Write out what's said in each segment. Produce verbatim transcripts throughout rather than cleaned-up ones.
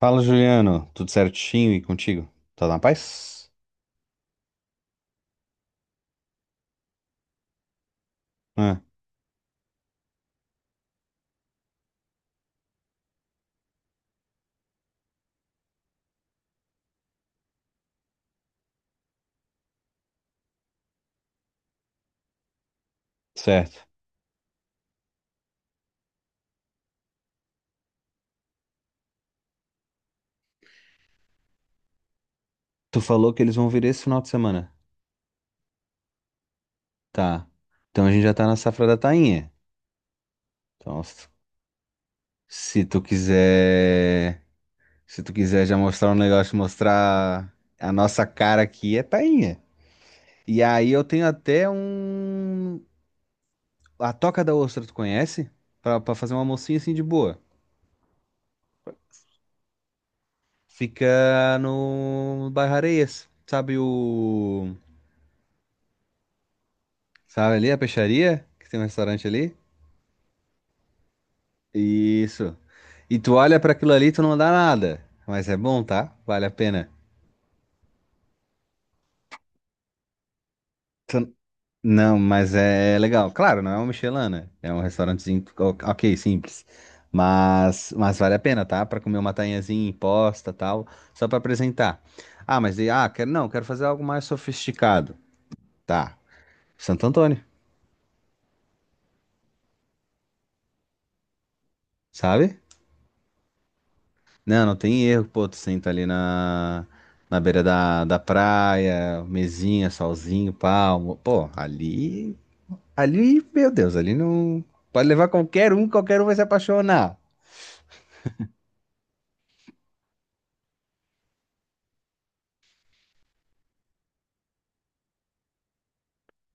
Fala, Juliano. Tudo certinho e contigo? Tá na paz? Ah, certo. Tu falou que eles vão vir esse final de semana. Tá. Então a gente já tá na safra da tainha. Então, se se tu quiser, se tu quiser já mostrar um negócio, mostrar a nossa cara aqui é tainha. E aí eu tenho até um a Toca da Ostra, tu conhece? Pra, pra fazer uma mocinha assim de boa. Fica no Bairro Areias. Sabe o sabe ali a peixaria? Que tem um restaurante ali? Isso. E tu olha pra aquilo ali, e tu não dá nada. Mas é bom, tá? Vale a pena. Não, mas é é legal. Claro, não é um Michelin, né? É um restaurantezinho, o- ok, simples. Mas, mas vale a pena, tá? Pra comer uma tainhazinha imposta, tal, só pra apresentar. Ah, mas e- ah, quero, não, quero fazer algo mais sofisticado. Tá. Santo Antônio, sabe? Não, não tem erro, pô, tu senta ali na, na beira da, da praia, mesinha, solzinho, palmo, pô, ali, ali, meu Deus, ali não, pode levar qualquer um, qualquer um vai se apaixonar.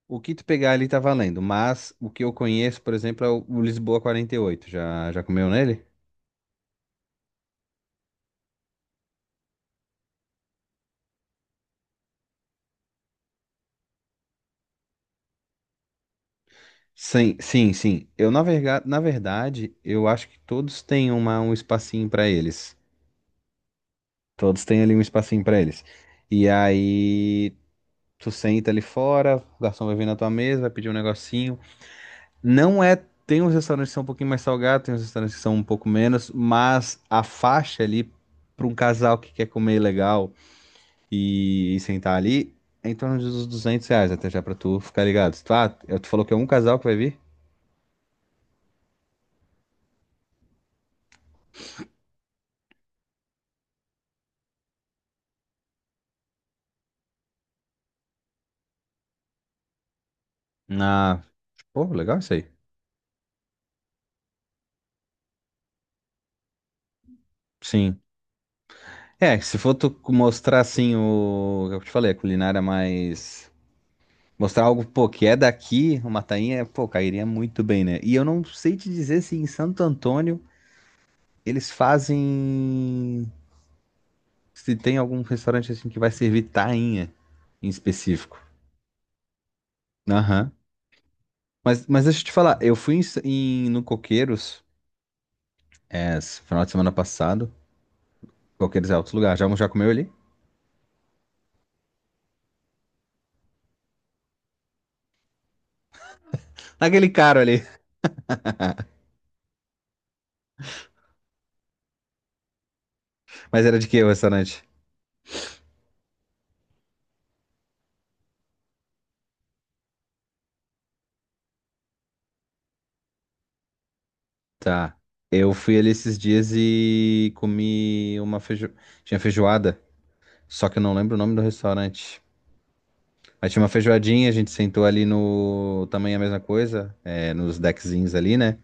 O que tu pegar ali tá valendo, mas o que eu conheço, por exemplo, é o, o Lisboa quarenta e oito. Já, já comeu nele? Sim, sim, sim, eu na, verga, na verdade, eu acho que todos têm uma, um espacinho pra eles, todos têm ali um espacinho pra eles. E aí tu senta ali fora, o garçom vai vir na tua mesa, vai pedir um negocinho. Não é. Tem uns restaurantes que são um pouquinho mais salgados, tem uns restaurantes que são um pouco menos, mas a faixa ali, para um casal que quer comer legal e, e sentar ali, é em torno dos duzentos reais, até já pra tu ficar ligado. Tu, ah, tu falou que é um casal que vai vir? Ah, pô, legal isso aí. Sim. É, se for tu mostrar assim, o. é o que eu te falei, a culinária mais, mostrar algo, pô, que é daqui, uma tainha, pô, cairia muito bem, né? E eu não sei te dizer se em Santo Antônio eles fazem. Se tem algum restaurante assim que vai servir tainha em específico. Aham. Mas, mas deixa eu te falar, eu fui em, em- no Coqueiros, é, esse final de semana passado. Coqueiros é outro lugar. Já, já comeu ali? Naquele caro ali. Mas era de que o restaurante? Tá. Eu fui ali esses dias e comi uma feijo... Tinha feijoada. Só que eu não lembro o nome do restaurante. Aí tinha uma feijoadinha, a gente sentou ali. No. Também a mesma coisa, é, nos deckzinhos ali, né?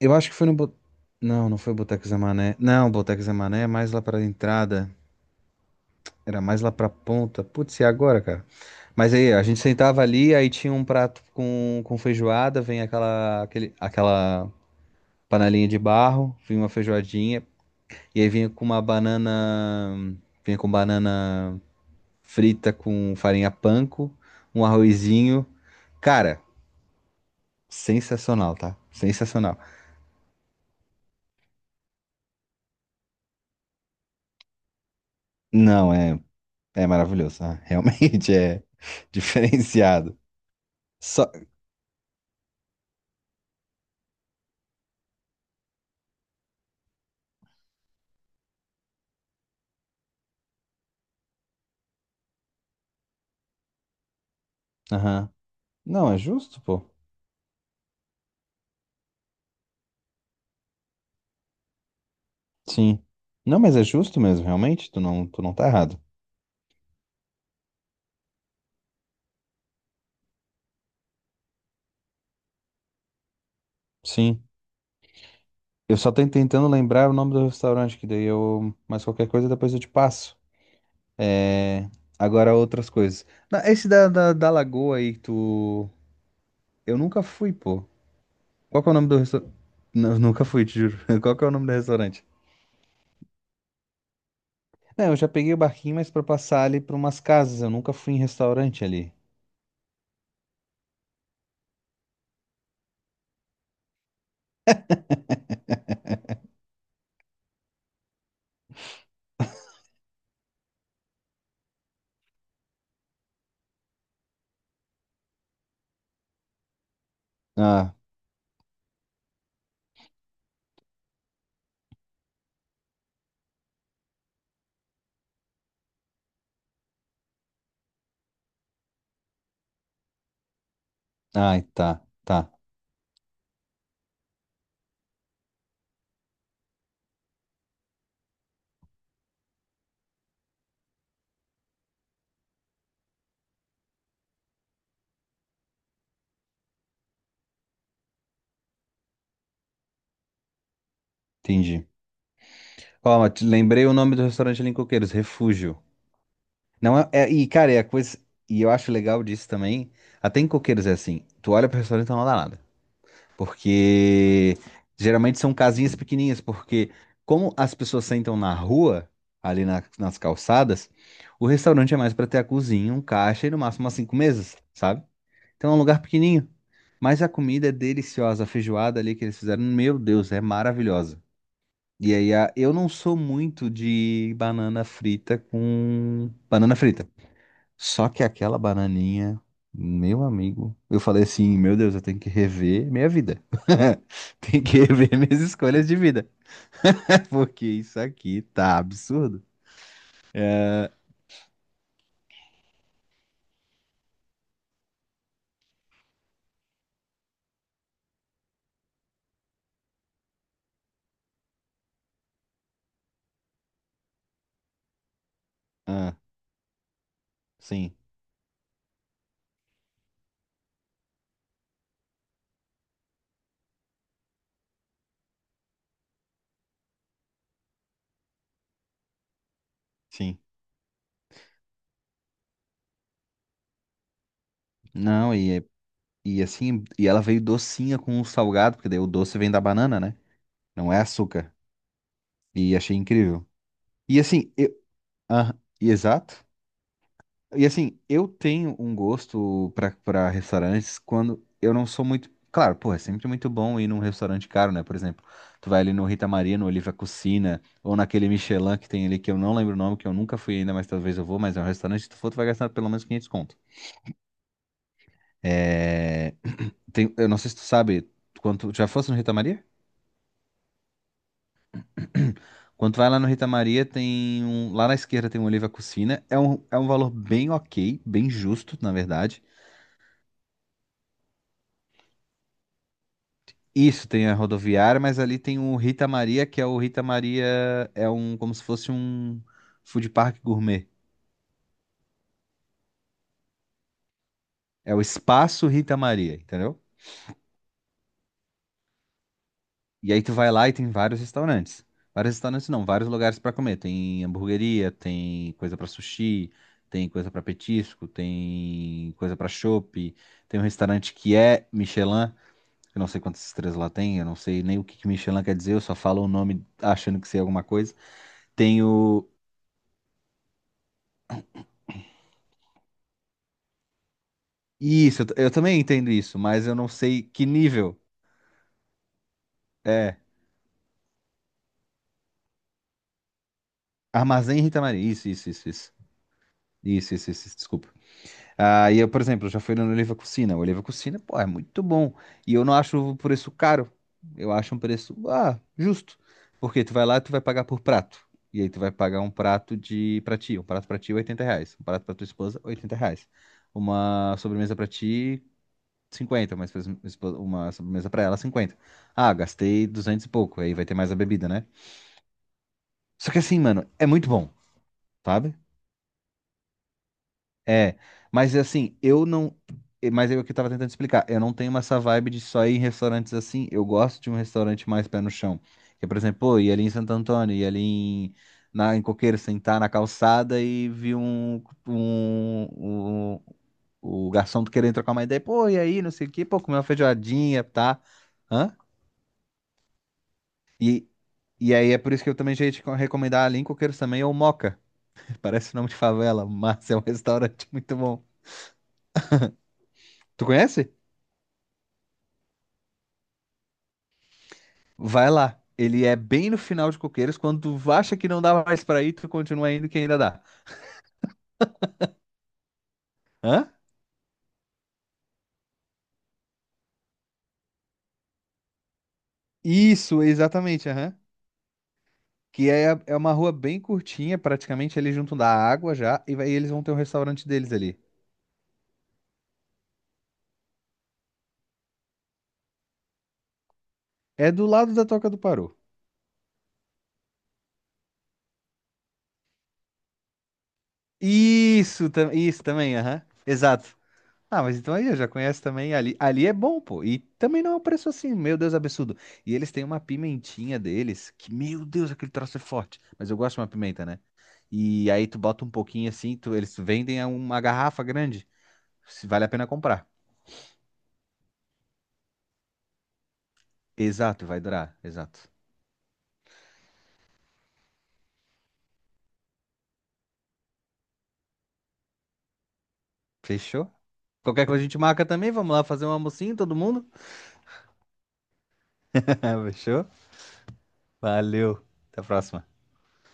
Eu acho que foi no Bo- não, não foi o Boteco Zé Mané. Não, o Boteco Zé Mané é mais lá pra entrada. Era mais lá pra ponta. Putz, e agora, cara? Mas aí, a gente sentava ali, aí tinha um prato com, com feijoada, vem aquela, aquele, aquela panelinha de barro, vinha uma feijoadinha, e aí vinha com uma banana. Vinha com banana frita com farinha panko, um arrozinho. Cara. Sensacional, tá? Sensacional. Não, é, é maravilhoso, tá? Realmente é diferenciado. Só... Aham. Não, é justo, pô. Sim. Não, mas é justo mesmo, realmente. Tu não, tu não tá errado. Sim. Eu só tô tentando lembrar o nome do restaurante, que daí eu. Mas qualquer coisa depois eu te passo. É. Agora outras coisas. Não, esse da, da, da Lagoa aí, que tu. Eu nunca fui, pô. Qual que é o nome do restaurante? Nunca fui, te juro. Qual que é o nome do restaurante? É, eu já peguei o barquinho, mas pra passar ali pra umas casas. Eu nunca fui em restaurante ali. Ah, ai, tá, tá, entendi. Ó, mas te- lembrei o nome do restaurante ali em Coqueiros, Refúgio. Não é, é- e cara, é a coisa, e eu acho legal disso também, até em Coqueiros é assim, tu olha pro restaurante e não dá nada, porque geralmente são casinhas pequenininhas, porque como as pessoas sentam na rua, ali na- nas calçadas, o restaurante é mais pra ter a cozinha, um caixa e no máximo umas cinco mesas, sabe? Então é um lugar pequenininho. Mas a comida é deliciosa, a feijoada ali que eles fizeram, meu Deus, é maravilhosa. E aí, a- eu não sou muito de banana frita com banana frita. Só que aquela bananinha, meu amigo, eu falei assim, meu Deus, eu tenho que rever minha vida. Tenho que rever minhas escolhas de vida. Porque isso aqui tá absurdo. Ah, sim, sim. Não, e, é- e assim, e ela veio docinha com o salgado, porque daí o doce vem da banana, né? Não é açúcar. E achei incrível. E assim, eu, ah, e exato. E assim, eu tenho um gosto pra para restaurantes quando eu não sou muito. Claro, pô, é sempre muito bom ir num restaurante caro, né? Por exemplo, tu vai ali no Rita Maria, no Oliva Cucina, ou naquele Michelin que tem ali, que eu não lembro o nome, que eu nunca fui ainda, mas talvez eu vou, mas é um restaurante, se tu for, tu vai gastar pelo menos quinhentos conto. É... Tem... Eu não sei se tu sabe quanto. Já fosse no Rita Maria? Quando vai lá no Rita Maria, tem um. Lá na esquerda tem um Oliva Cucina. É um, é um valor bem ok, bem justo, na verdade. Isso, tem a rodoviária, mas ali tem o Rita Maria, que é o Rita Maria. É um. Como se fosse um food park gourmet. É o espaço Rita Maria, entendeu? E aí tu vai lá e tem vários restaurantes. Vários restaurantes não, vários lugares pra comer. Tem hamburgueria, tem coisa pra sushi, tem coisa pra petisco, tem coisa pra chopp. Tem um restaurante que é Michelin. Eu não sei quantas estrelas lá tem, eu não sei nem o que que Michelin quer dizer, eu só falo o nome achando que sei alguma coisa. Tenho. Isso, eu, t- eu também entendo isso, mas eu não sei que nível. É. Armazém Rita Maria. Isso, isso, isso, isso. Isso, isso, isso, isso, desculpa. Ah, e eu, por exemplo, já fui no Oliva Cucina. O Oliva Cucina, pô, é muito bom. E eu não acho o preço caro. Eu acho um preço, ah, justo. Porque tu vai lá e tu vai pagar por prato. E aí tu vai pagar um prato de pra ti. Um prato pra ti, oitenta reais. Um prato pra tua esposa, oitenta reais. Uma sobremesa pra ti, cinquenta. Uma, esposa- esposa- uma sobremesa pra ela, cinquenta. Ah, gastei duzentos e pouco. Aí vai ter mais a bebida, né? Só que assim, mano, é muito bom, sabe? É, mas assim, eu não. eh, Mas é o que eu tava tentando explicar. Eu não tenho essa vibe de só ir em restaurantes assim. Eu gosto de um restaurante mais pé no chão. Que, por exemplo, pô, ir ali em Santo Antônio, ir ali em, na, em Coqueiro, sentar na calçada e vi um, um, um o garçom querendo trocar uma ideia. Pô, e aí, não sei o quê, pô, comer uma feijoadinha, tá? Hã? E, e aí é por isso que eu também já ia te recomendar ali em Coqueiros também, é o Moca. Parece nome de favela, mas é um restaurante muito bom. Tu conhece? Vai lá. Ele é bem no final de Coqueiros, quando tu acha que não dá mais pra ir, tu continua indo que ainda dá. Hã? Isso, exatamente, aham. Que é, é uma rua bem curtinha, praticamente ali junto da água já, e vai- e eles vão ter um restaurante deles ali. É do lado da Toca do Paru. Isso, tam- isso também, aham. Exato. Ah, mas então aí eu já conheço também ali. Ali é bom, pô. E também não é um preço assim, meu Deus, absurdo. E eles têm uma pimentinha deles, que, meu Deus, aquele troço é forte. Mas eu gosto de uma pimenta, né? E aí tu bota um pouquinho assim, tu, eles vendem a uma garrafa grande. Se vale a pena comprar. Exato, vai durar. Exato. Fechou? Qualquer coisa a gente marca também. Vamos lá fazer um almocinho, todo mundo? Fechou? Valeu. Até a próxima.